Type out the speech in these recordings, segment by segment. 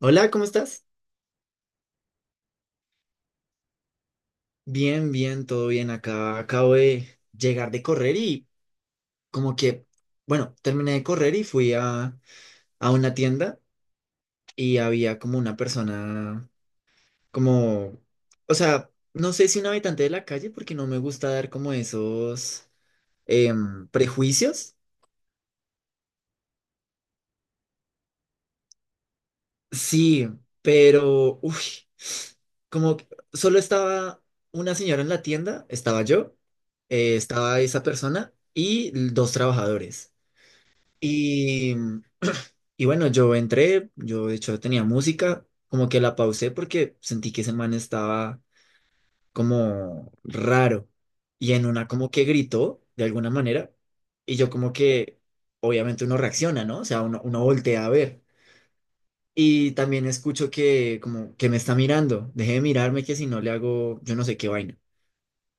Hola, ¿cómo estás? Bien, bien, todo bien. Acá acabo de llegar de correr y como que, bueno, terminé de correr y fui a una tienda y había como una persona, como, o sea, no sé si un habitante de la calle porque no me gusta dar como esos prejuicios. Sí, pero, uy, como que solo estaba una señora en la tienda, estaba yo, estaba esa persona y dos trabajadores. Y, y bueno, yo entré, yo de hecho tenía música, como que la pausé porque sentí que ese man estaba como raro. Y en una como que gritó de alguna manera. Y yo como que, obviamente uno reacciona, ¿no? O sea, uno voltea a ver. Y también escucho que como que me está mirando. Deje de mirarme que si no le hago, yo no sé qué vaina.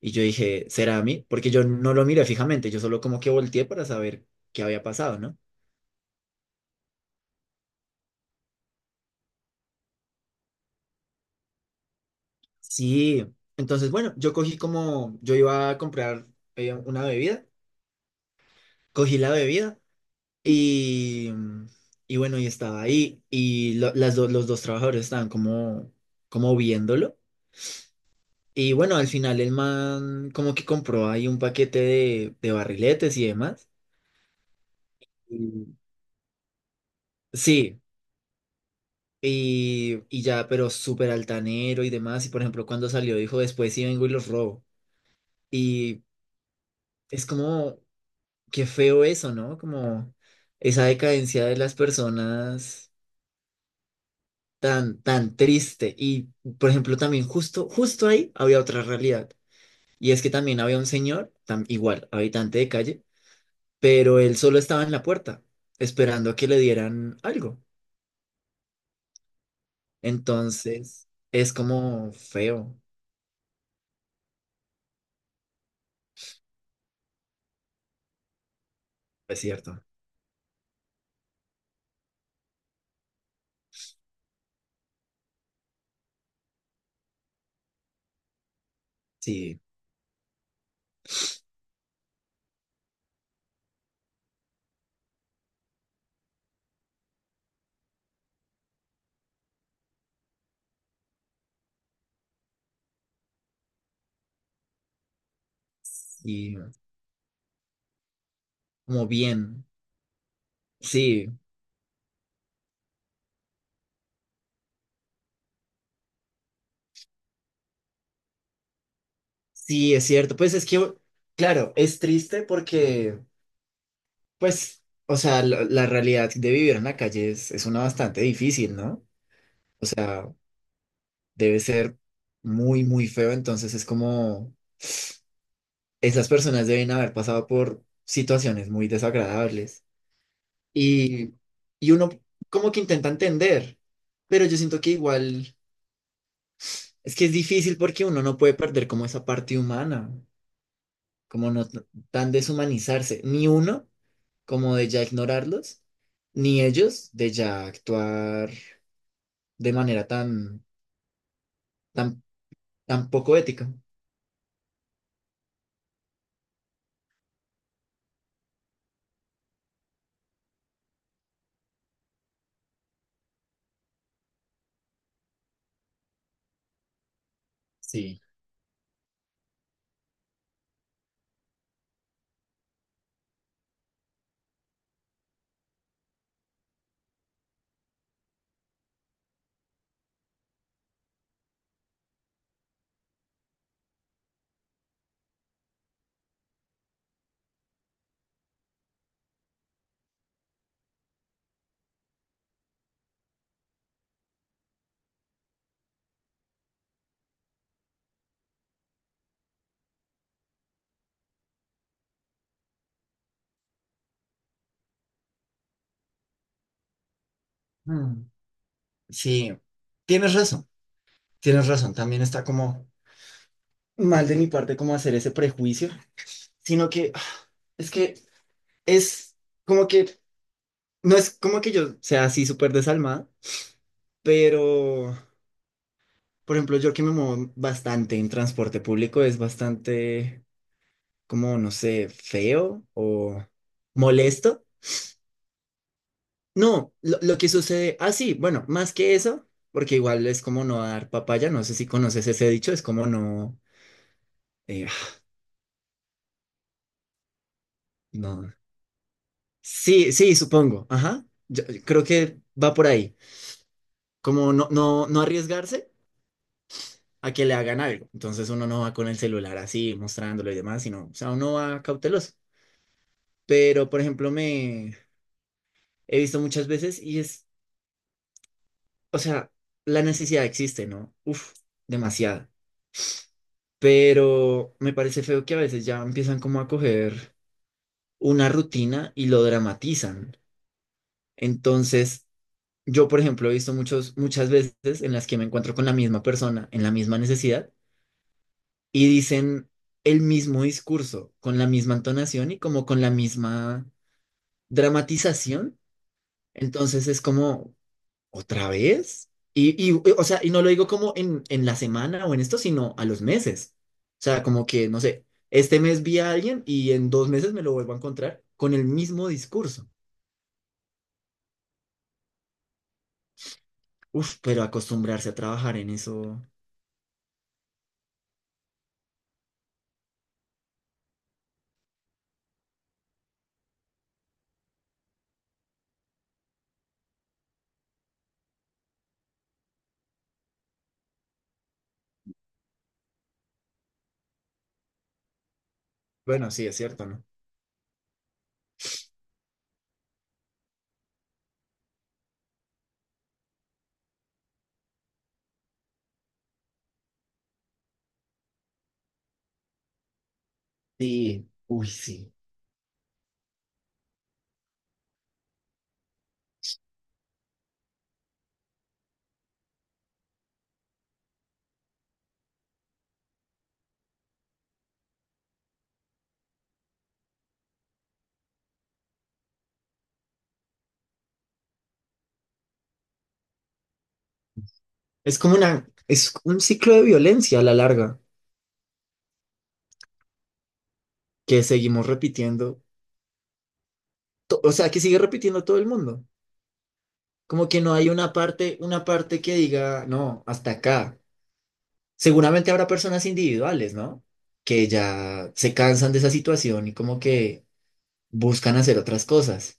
Y yo dije, ¿será a mí? Porque yo no lo miré fijamente, yo solo como que volteé para saber qué había pasado, ¿no? Sí, entonces bueno, yo cogí como, yo iba a comprar una bebida, cogí la bebida y, y bueno, y estaba ahí y los dos trabajadores estaban como, como viéndolo y bueno, al final el man como que compró ahí un paquete de barriletes y demás. Y- Sí, y ya, pero súper altanero y demás y por ejemplo cuando salió dijo después sí vengo y los robo y es como... qué feo eso, ¿no? Como esa decadencia de las personas tan, tan triste. Y, por ejemplo, también justo, justo ahí había otra realidad. Y es que también había un señor, igual, habitante de calle, pero él solo estaba en la puerta, esperando a que le dieran algo. Entonces, es como feo, es cierto. Sí, y como bien. Sí, sí, es cierto. Pues es que, claro, es triste porque pues, o sea, la realidad de vivir en la calle es una bastante difícil, ¿no? O sea, debe ser muy, muy feo, entonces es como esas personas deben haber pasado por situaciones muy desagradables y, y uno como que intenta entender, pero yo siento que igual es que es difícil porque uno no puede perder como esa parte humana, como no tan deshumanizarse, ni uno como de ya ignorarlos, ni ellos de ya actuar de manera tan, tan, tan poco ética. Sí. Mm, sí, tienes razón, tienes razón. También está como mal de mi parte como hacer ese prejuicio, sino que ah, es que es como que, no es como que yo sea así súper desalmada, pero, por ejemplo, yo que me muevo bastante en transporte público es bastante como, no sé, feo o molesto. No, lo que sucede, ah, sí, bueno, más que eso, porque igual es como no dar papaya, no sé si conoces ese dicho, es como no, ah, no, sí, sí, supongo, ajá, yo creo que va por ahí, como no, no, no arriesgarse a que le hagan algo, entonces uno no va con el celular así, mostrándolo y demás, sino, o sea, uno va cauteloso, pero, por ejemplo, me he visto muchas veces y es, o sea, la necesidad existe, ¿no? Uf, demasiada. Pero me parece feo que a veces ya empiezan como a coger una rutina y lo dramatizan. Entonces, yo, por ejemplo, he visto muchos, muchas veces en las que me encuentro con la misma persona, en la misma necesidad, y dicen el mismo discurso, con la misma entonación y como con la misma dramatización. Entonces es como, ¿otra vez? Y, o sea, y no lo digo como en la semana o en esto, sino a los meses. O sea, como que, no sé, este mes vi a alguien y en dos meses me lo vuelvo a encontrar con el mismo discurso. Uf, pero acostumbrarse a trabajar en eso. Bueno, sí, es cierto, ¿no? Sí, uy, sí. Es como una, es un ciclo de violencia a la larga que seguimos repitiendo, to- o sea, que sigue repitiendo todo el mundo. Como que no hay una parte que diga, no, hasta acá. Seguramente habrá personas individuales, ¿no? Que ya se cansan de esa situación y como que buscan hacer otras cosas.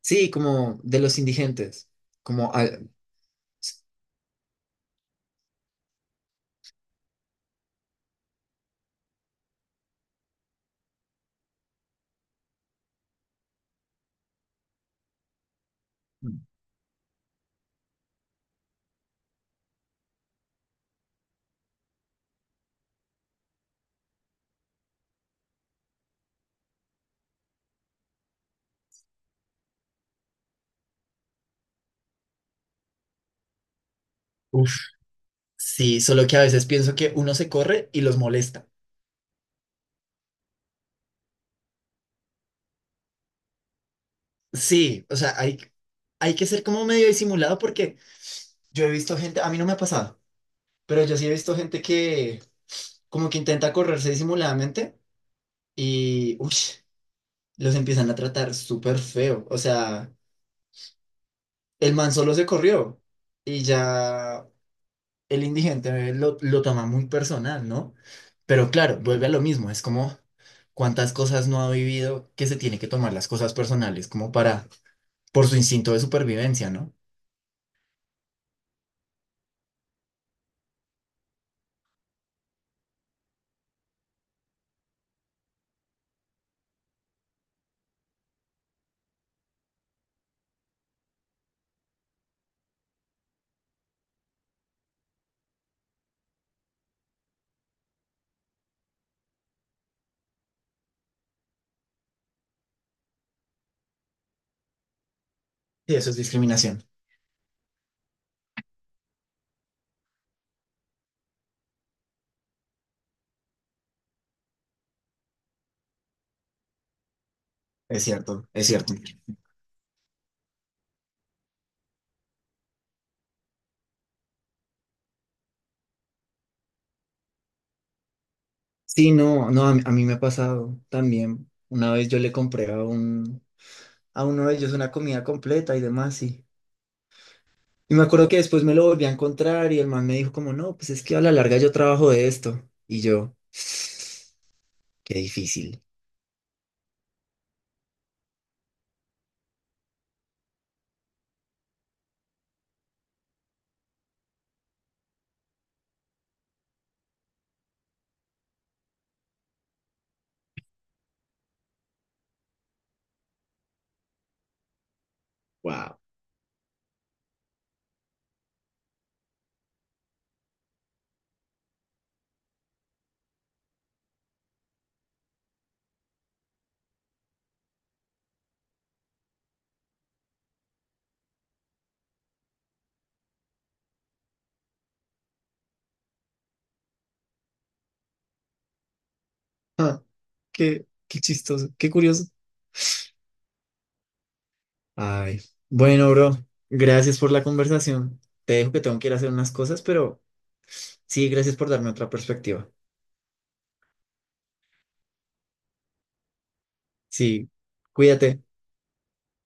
Sí, como de los indigentes, como... al- Uf, sí, solo que a veces pienso que uno se corre y los molesta. Sí, o sea, hay que ser como medio disimulado porque yo he visto gente, a mí no me ha pasado, pero yo sí he visto gente que como que intenta correrse disimuladamente y, uy, los empiezan a tratar súper feo. O sea... el man solo se corrió y ya el indigente lo toma muy personal, ¿no? Pero claro, vuelve a lo mismo, es como cuántas cosas no ha vivido que se tiene que tomar las cosas personales como para, por su instinto de supervivencia, ¿no? Y eso es discriminación, es cierto, es cierto. Sí, no, no, a mí me ha pasado también. Una vez yo le compré a un, a uno de ellos una comida completa y demás, y me acuerdo que después me lo volví a encontrar y el man me dijo como, no, pues es que a la larga yo trabajo de esto. Y yo, qué difícil. Wow. Ah, qué, qué chistoso, qué curioso. Ay, bueno, bro, gracias por la conversación. Te dejo que tengo que ir a hacer unas cosas, pero sí, gracias por darme otra perspectiva. Sí, cuídate.